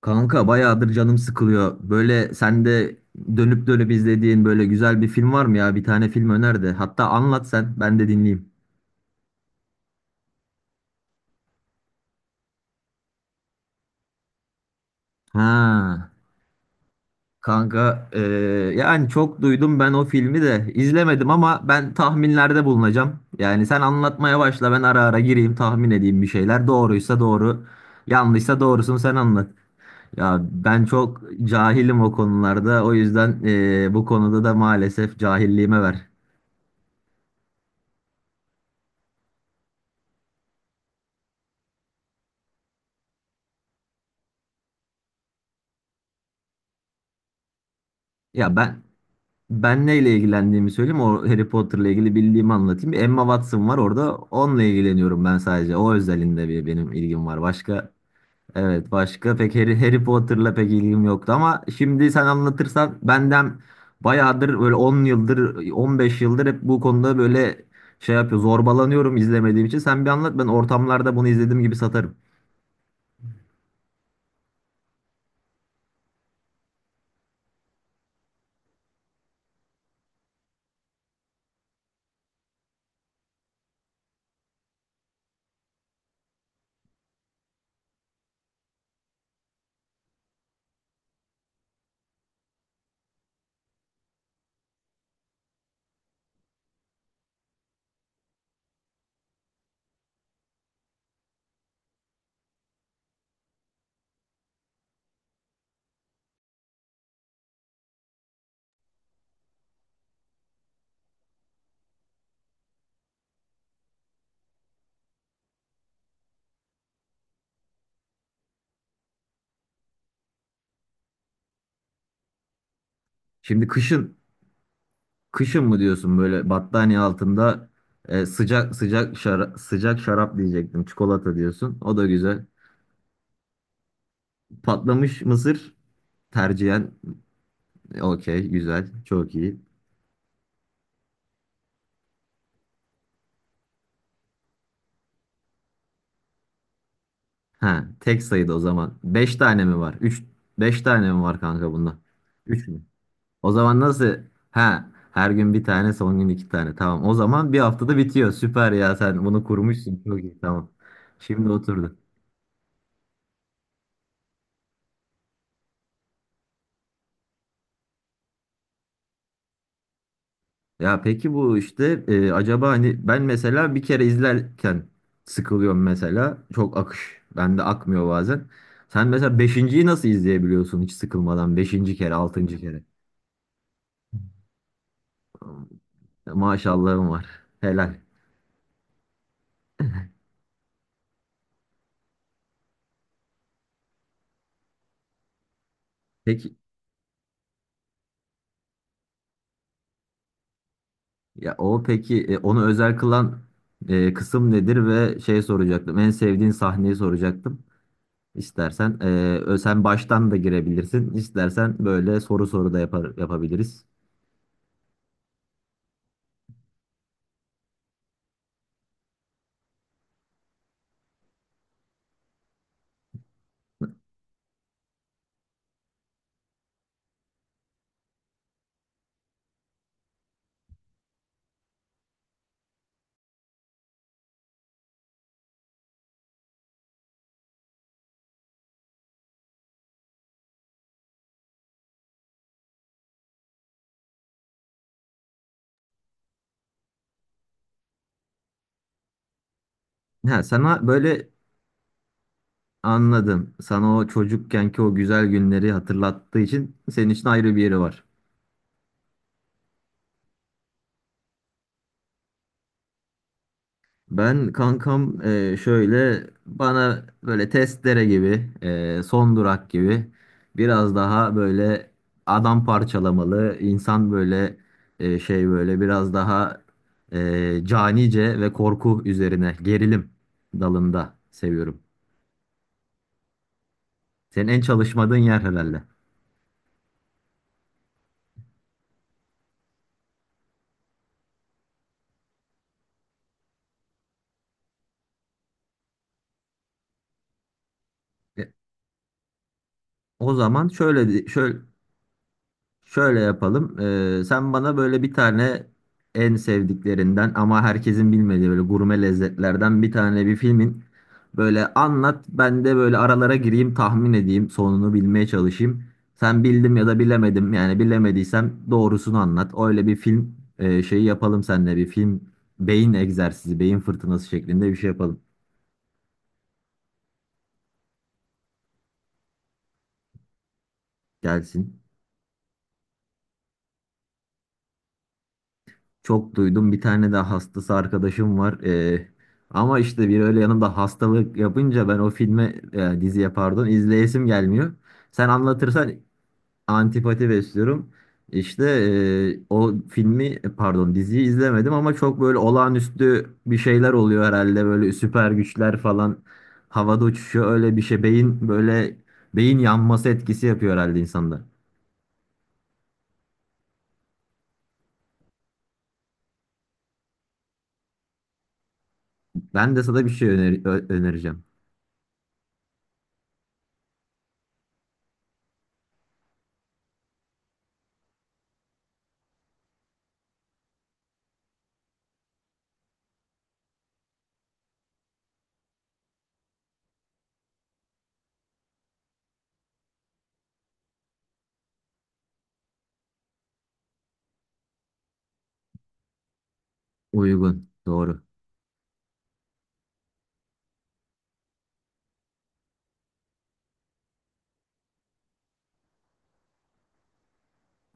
Kanka bayağıdır canım sıkılıyor. Böyle sen de dönüp dönüp izlediğin böyle güzel bir film var mı ya? Bir tane film öner de. Hatta anlat sen, ben de dinleyeyim. Ha. Kanka yani çok duydum, ben o filmi de izlemedim ama ben tahminlerde bulunacağım. Yani sen anlatmaya başla, ben ara ara gireyim, tahmin edeyim bir şeyler. Doğruysa doğru, yanlışsa doğrusunu sen anlat. Ya ben çok cahilim o konularda, o yüzden bu konuda da maalesef cahilliğime ver. Ya ben Ben neyle ilgilendiğimi söyleyeyim. O Harry Potter'la ilgili bildiğimi anlatayım. Bir Emma Watson var orada. Onunla ilgileniyorum ben sadece. O özelinde bir benim ilgim var. Başka, evet, başka pek Harry Potter'la pek ilgim yoktu ama şimdi sen anlatırsan benden bayağıdır böyle 10 yıldır, 15 yıldır hep bu konuda böyle şey yapıyor, zorbalanıyorum izlemediğim için. Sen bir anlat, ben ortamlarda bunu izlediğim gibi satarım. Şimdi kışın Kışın mı diyorsun, böyle battaniye altında sıcak sıcak sıcak şarap diyecektim. Çikolata diyorsun. O da güzel. Patlamış mısır tercihen. Okey, güzel. Çok iyi. Ha, tek sayıda o zaman. 5 tane mi var? Beş tane mi var kanka bunda? 3 mü? O zaman nasıl? Ha, her gün bir tane, son gün iki tane. Tamam. O zaman bir haftada bitiyor. Süper ya, sen bunu kurmuşsun. Çok iyi. Tamam. Şimdi oturdu. Ya peki bu işte, acaba hani ben mesela bir kere izlerken sıkılıyorum mesela. Çok akış. Bende akmıyor bazen. Sen mesela beşinciyi nasıl izleyebiliyorsun hiç sıkılmadan? Beşinci kere, altıncı kere. Ya Maşallahım var. Helal. Peki, ya o peki, onu özel kılan kısım nedir ve şey soracaktım. En sevdiğin sahneyi soracaktım. İstersen sen baştan da girebilirsin. İstersen böyle soru soru da yapabiliriz. Ha, sana böyle. Anladım. Sana o çocukkenki o güzel günleri hatırlattığı için senin için ayrı bir yeri var. Ben kankam, şöyle bana böyle testere gibi, son durak gibi biraz daha böyle adam parçalamalı, insan böyle şey, böyle biraz daha canice ve korku üzerine gerilim dalında seviyorum. Senin en çalışmadığın yer herhalde. E, O zaman şöyle yapalım. Sen bana böyle bir tane en sevdiklerinden ama herkesin bilmediği böyle gurme lezzetlerden bir tane bir filmin böyle anlat. Ben de böyle aralara gireyim, tahmin edeyim, sonunu bilmeye çalışayım. Sen bildim ya da bilemedim. Yani bilemediysem doğrusunu anlat. Öyle bir film şeyi yapalım seninle, bir film beyin egzersizi, beyin fırtınası şeklinde bir şey yapalım. Gelsin. Çok duydum. Bir tane de hastası arkadaşım var. Ama işte bir öyle yanımda hastalık yapınca ben o filme, diziye pardon, izleyesim gelmiyor. Sen anlatırsan antipati besliyorum. İşte, o filmi, pardon, diziyi izlemedim ama çok böyle olağanüstü bir şeyler oluyor herhalde. Böyle süper güçler falan havada uçuşuyor. Öyle bir şey, beyin böyle beyin yanması etkisi yapıyor herhalde insanda. Ben de sana bir şey önereceğim. Uygun. Doğru.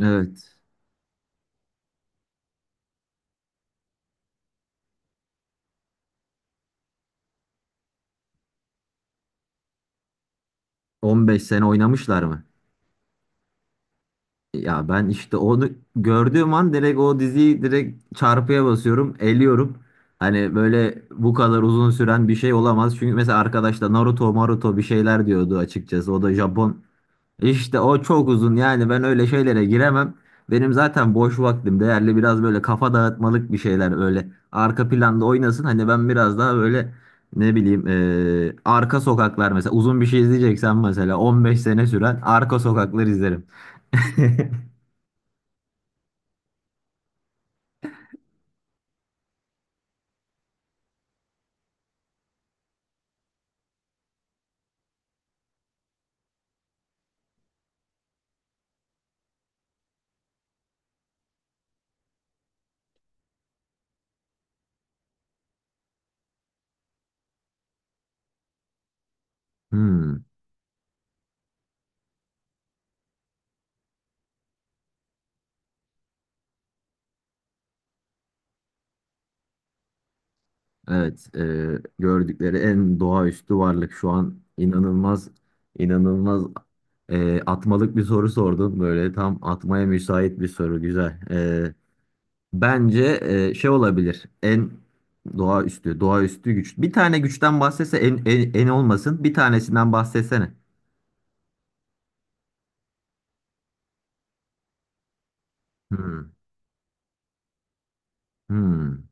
Evet. 15 sene oynamışlar mı? Ya ben işte onu gördüğüm an direkt o diziyi direkt çarpıya basıyorum, eliyorum. Hani böyle bu kadar uzun süren bir şey olamaz. Çünkü mesela arkadaş da Naruto, Maruto bir şeyler diyordu açıkçası. O da Japon işte, o çok uzun yani, ben öyle şeylere giremem. Benim zaten boş vaktim değerli, biraz böyle kafa dağıtmalık bir şeyler öyle arka planda oynasın. Hani ben biraz daha böyle ne bileyim, arka sokaklar mesela, uzun bir şey izleyeceksen mesela 15 sene süren arka sokaklar izlerim. Hmm, evet, gördükleri en doğaüstü varlık şu an inanılmaz inanılmaz, atmalık bir soru sordun, böyle tam atmaya müsait bir soru, güzel. Bence şey olabilir. En doğaüstü, doğaüstü güç. Bir tane güçten bahsetse en, olmasın. Bir tanesinden bahsetsene. Hmm, hmm.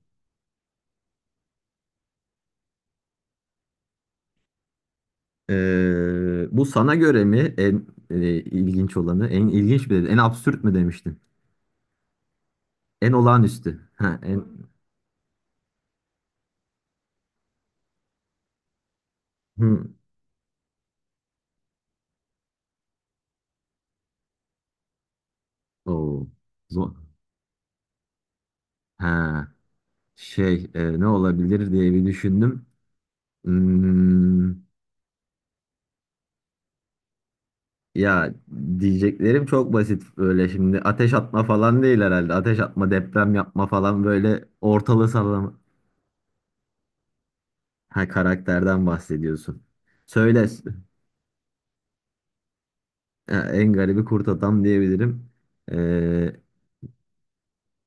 Bu sana göre mi en ilginç olanı? En ilginç mi dedin? En absürt mü demiştin? En olağanüstü. Ha, en. Hmm. Oo. Zor. Ha, şey, ne olabilir diye bir düşündüm. Hmm. Ya diyeceklerim çok basit, böyle şimdi ateş atma falan değil herhalde. Ateş atma, deprem yapma falan böyle ortalığı sallama. Ha, karakterden bahsediyorsun. Söyle. Ha, en garibi kurt adam diyebilirim. Ee,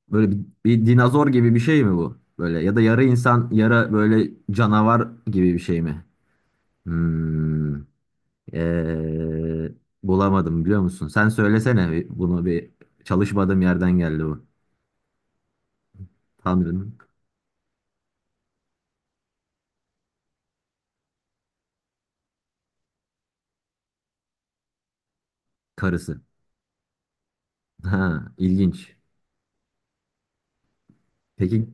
böyle bir dinozor gibi bir şey mi bu? Böyle ya da yarı insan, yarı böyle canavar gibi bir şey mi? Hmm, ee, bulamadım biliyor musun? Sen söylesene bunu, bir çalışmadığım yerden geldi bu. Tanrı'nın karısı. Ha, ilginç. Peki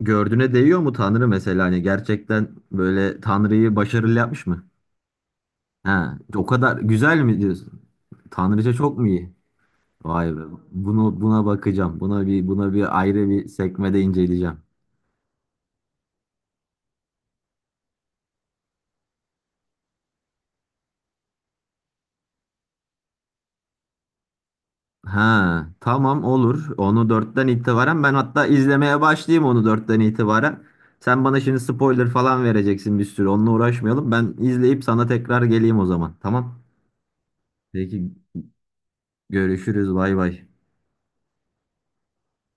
gördüğüne değiyor mu Tanrı, mesela, hani gerçekten böyle Tanrı'yı başarılı yapmış mı? Ha, o kadar güzel mi diyorsun? Tanrıça çok mu iyi? Vay be. Bunu, buna bakacağım. Buna bir ayrı bir sekmede inceleyeceğim. Ha, tamam, olur. Onu dörtten itibaren ben hatta izlemeye başlayayım, onu dörtten itibaren. Sen bana şimdi spoiler falan vereceksin bir sürü. Onunla uğraşmayalım. Ben izleyip sana tekrar geleyim o zaman. Tamam. Peki görüşürüz. Bay bay.